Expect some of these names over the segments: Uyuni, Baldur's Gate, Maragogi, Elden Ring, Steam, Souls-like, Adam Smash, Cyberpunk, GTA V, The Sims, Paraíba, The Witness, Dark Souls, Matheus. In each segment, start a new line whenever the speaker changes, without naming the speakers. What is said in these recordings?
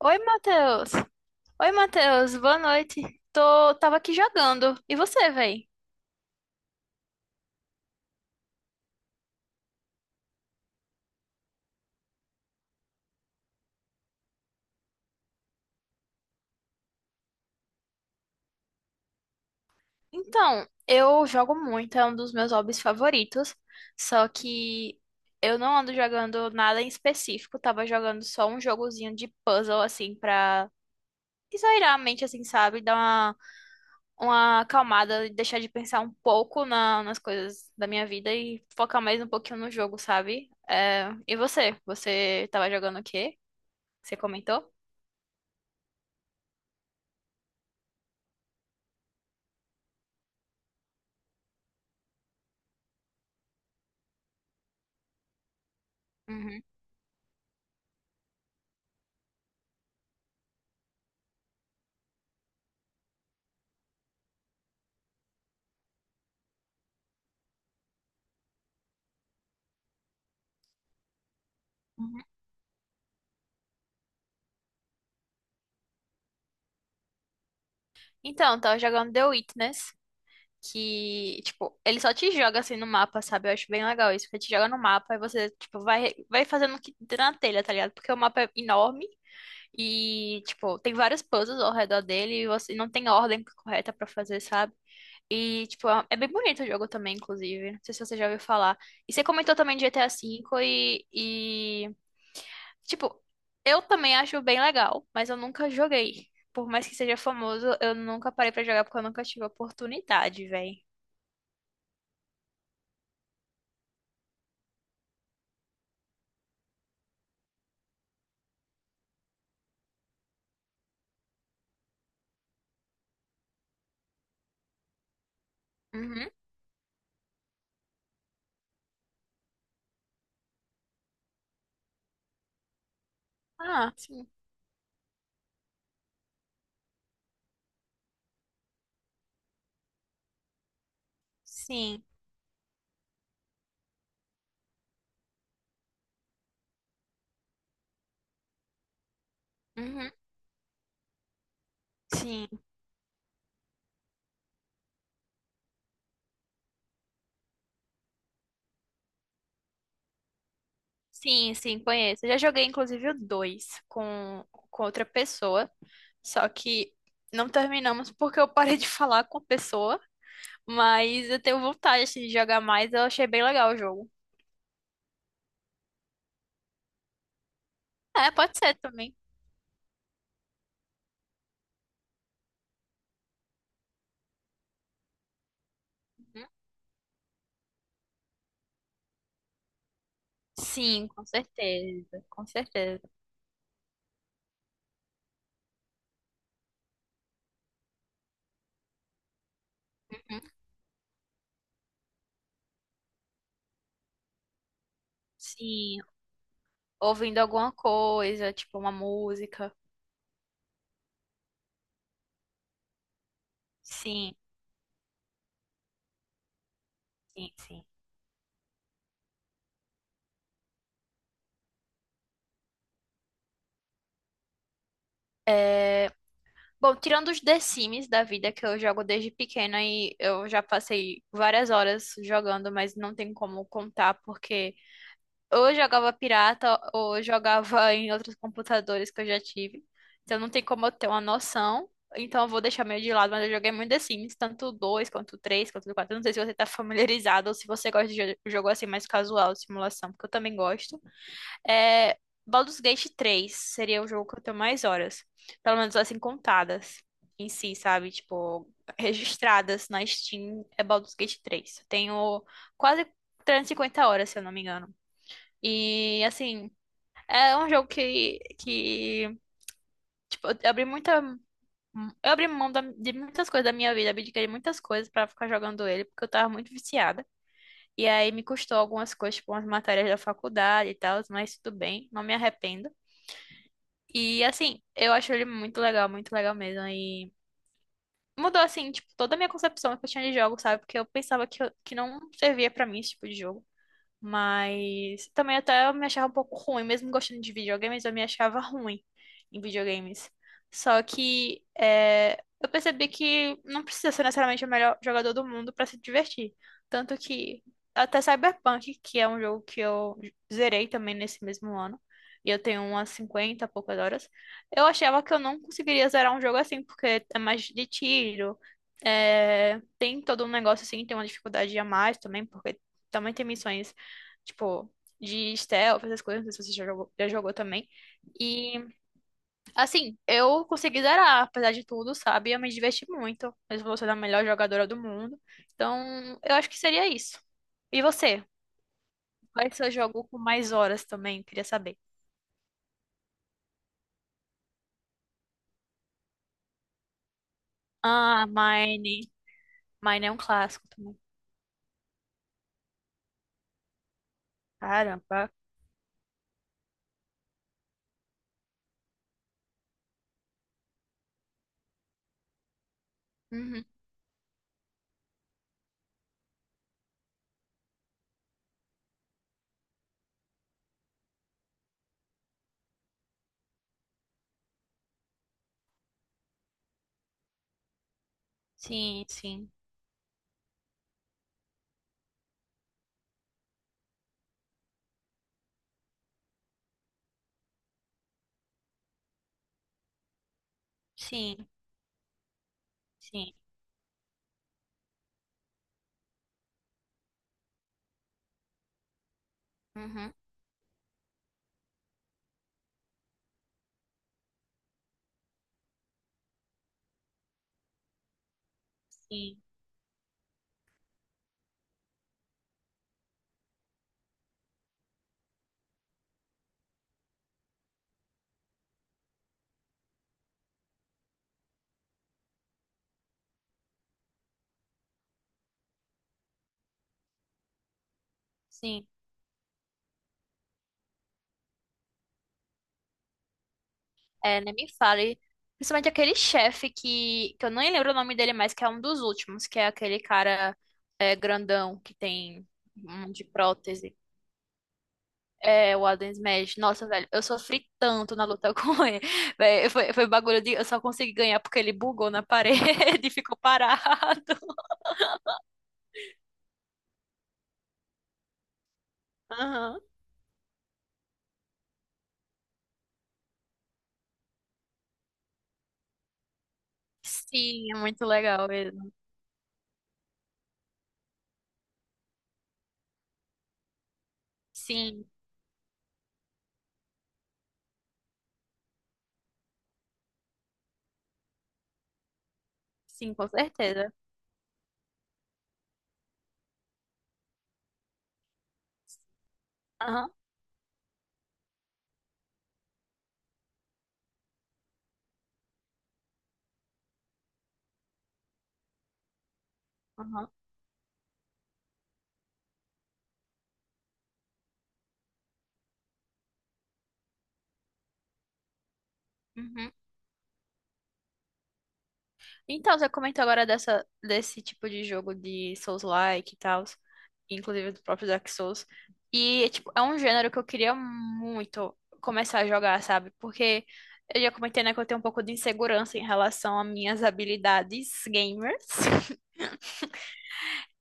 Oi, Matheus. Boa noite. Tava aqui jogando. E você, véi? Então, eu jogo muito, é um dos meus hobbies favoritos. Só que eu não ando jogando nada em específico. Tava jogando só um jogozinho de puzzle, assim, pra esairar a mente, assim, sabe? Uma acalmada e deixar de pensar um pouco nas coisas da minha vida e focar mais um pouquinho no jogo, sabe? E você? Você tava jogando o quê? Você comentou? Uhum. Então, tava jogando The Witness, que, tipo, ele só te joga assim no mapa, sabe? Eu acho bem legal isso, porque te joga no mapa e você, tipo, vai fazendo o que der na telha, tá ligado? Porque o mapa é enorme e, tipo, tem vários puzzles ao redor dele e você não tem ordem correta pra fazer, sabe? E, tipo, é bem bonito o jogo também, inclusive. Não sei se você já ouviu falar. E você comentou também de GTA V e, e Tipo, eu também acho bem legal, mas eu nunca joguei. Por mais que seja famoso, eu nunca parei pra jogar porque eu nunca tive oportunidade, véi. Uhum. Ah, sim. Sim. Uhum. Sim. Sim, sim, conheço. Eu já joguei, inclusive, o 2 com outra pessoa. Só que não terminamos porque eu parei de falar com a pessoa. Mas eu tenho vontade assim, de jogar mais. Eu achei bem legal o jogo. É, pode ser também. Uhum. Sim, com certeza. Com certeza. Sim, ouvindo alguma coisa, tipo uma música. Sim, sim, sim. É, Bom, tirando os The Sims da vida que eu jogo desde pequena e eu já passei várias horas jogando, mas não tem como contar porque ou eu jogava pirata ou eu jogava em outros computadores que eu já tive. Então não tem como eu ter uma noção. Então eu vou deixar meio de lado, mas eu joguei muito The Sims, tanto o 2 quanto o 3, quanto o 4. Não sei se você tá familiarizado ou se você gosta de jogo assim mais casual, de simulação, porque eu também gosto. É, Baldur's Gate três seria o jogo que eu tenho mais horas, pelo menos assim contadas em si, sabe? Tipo, registradas na Steam é Baldur's Gate três. Eu tenho quase trezentas e cinquenta horas, se eu não me engano. E assim, é um jogo que eu abri muita. Eu abri mão de muitas coisas da minha vida, abdiquei de muitas coisas pra ficar jogando ele, porque eu tava muito viciada. E aí me custou algumas coisas, tipo, umas matérias da faculdade e tal, mas tudo bem, não me arrependo. E assim, eu acho ele muito legal mesmo. E mudou, assim, tipo, toda a minha concepção que eu tinha de jogo, sabe? Porque eu pensava que não servia pra mim esse tipo de jogo. Mas também até eu me achava um pouco ruim, mesmo gostando de videogames, eu me achava ruim em videogames. Só que é, eu percebi que não precisa ser necessariamente o melhor jogador do mundo pra se divertir. Tanto que até Cyberpunk, que é um jogo que eu zerei também nesse mesmo ano, e eu tenho umas 50 e poucas horas, eu achava que eu não conseguiria zerar um jogo assim, porque é mais de tiro, é, tem todo um negócio assim, tem uma dificuldade a mais também, porque também tem missões tipo, de stealth, essas coisas, não sei se você já jogou também. E, assim, eu consegui zerar, apesar de tudo, sabe? Eu me diverti muito, mesmo você sendo a melhor jogadora do mundo. Então, eu acho que seria isso. E você? Qual é o seu jogo com mais horas também? Queria saber. Ah, Mine. Mine é um clássico também. Caramba. Uhum. Sim, sim. Sim, sim. Uhum. Sim, sim. É, nem me fale. Principalmente aquele chefe que eu nem lembro o nome dele mais, que é um dos últimos, que é aquele cara grandão que tem um monte de prótese. É, o Adam Smash. Nossa, velho, eu sofri tanto na luta com ele. Véi, foi bagulho de. Eu só consegui ganhar porque ele bugou na parede e ficou parado. Aham. Sim, é muito legal mesmo. Sim, sim, com certeza. Aham, aham. Uhum. Então, você comentou agora desse tipo de jogo de Souls-like e tal, inclusive do próprio Dark Souls. E é, tipo, é um gênero que eu queria muito começar a jogar, sabe? Porque eu já comentei, né, que eu tenho um pouco de insegurança em relação às minhas habilidades gamers.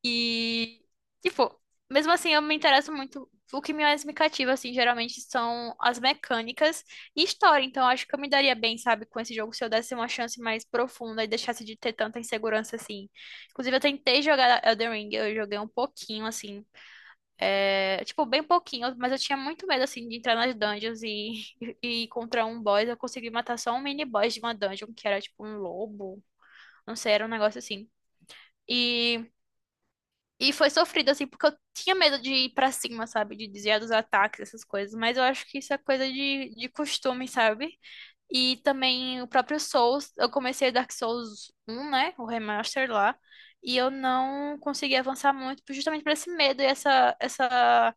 E, tipo, mesmo assim, eu me interesso muito. O que mais me cativa, assim, geralmente são as mecânicas e história. Então, eu acho que eu me daria bem, sabe, com esse jogo se eu desse uma chance mais profunda e deixasse de ter tanta insegurança, assim. Inclusive, eu tentei jogar Elden Ring, eu joguei um pouquinho, assim, é, tipo, bem pouquinho, mas eu tinha muito medo, assim, de entrar nas dungeons e, e encontrar um boss. Eu consegui matar só um mini boss de uma dungeon, que era, tipo, um lobo. Não sei, era um negócio assim. E e foi sofrido, assim, porque eu tinha medo de ir pra cima, sabe? De desviar dos ataques, essas coisas. Mas eu acho que isso é coisa de costume, sabe? E também o próprio Souls. Eu comecei Dark Souls um, né? O remaster lá. E eu não consegui avançar muito, justamente por esse medo e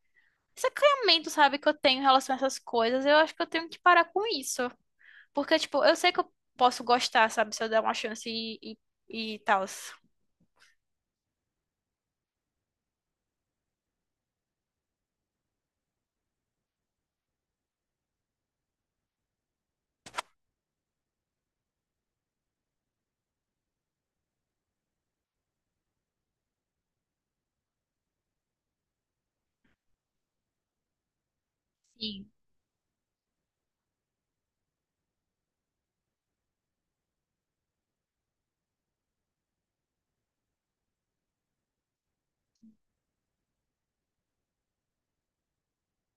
esse acanhamento, sabe? Que eu tenho em relação a essas coisas. Eu acho que eu tenho que parar com isso. Porque, tipo, eu sei que eu posso gostar, sabe? Se eu der uma chance e tal. Sim,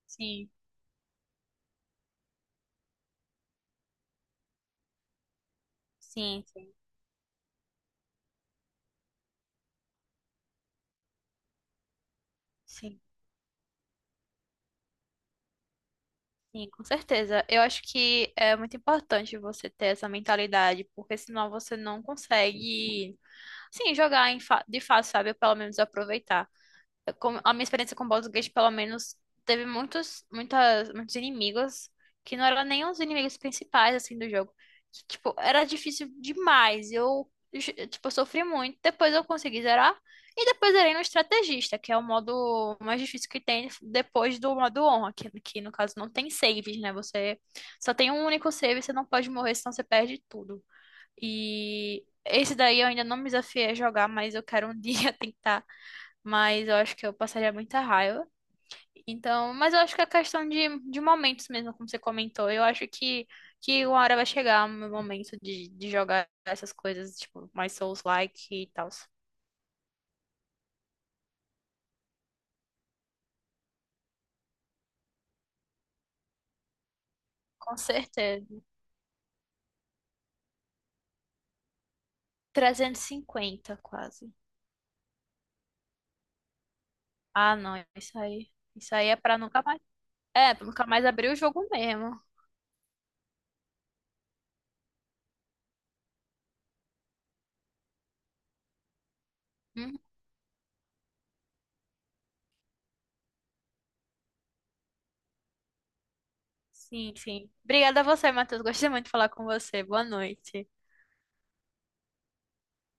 sim, sim. Sim. Sim, com certeza. Eu acho que é muito importante você ter essa mentalidade, porque senão você não consegue, sim, jogar em de fácil, sabe? Ou pelo menos aproveitar a minha experiência com Baldur's Gate, pelo menos, teve muitos inimigos que não eram nem os inimigos principais, assim, do jogo. Tipo, era difícil demais. Tipo, sofri muito. Depois eu consegui zerar. E depois zerei no estrategista, que é o modo mais difícil que tem depois do modo honra, que no caso não tem saves, né? Você só tem um único save, você não pode morrer, senão você perde tudo. E esse daí eu ainda não me desafiei a jogar, mas eu quero um dia tentar, mas eu acho que eu passaria muita raiva. Então, mas eu acho que é questão de momentos mesmo, como você comentou. Eu acho que uma hora vai chegar o meu momento de jogar essas coisas, tipo, mais Souls-like e tal. Com certeza. 350, quase. Ah, não, isso aí. Isso aí é pra nunca mais. É, pra nunca mais abrir o jogo mesmo. Uhum. Sim, sim. Obrigada a você, Matheus. Gostei muito de falar com você. Boa noite.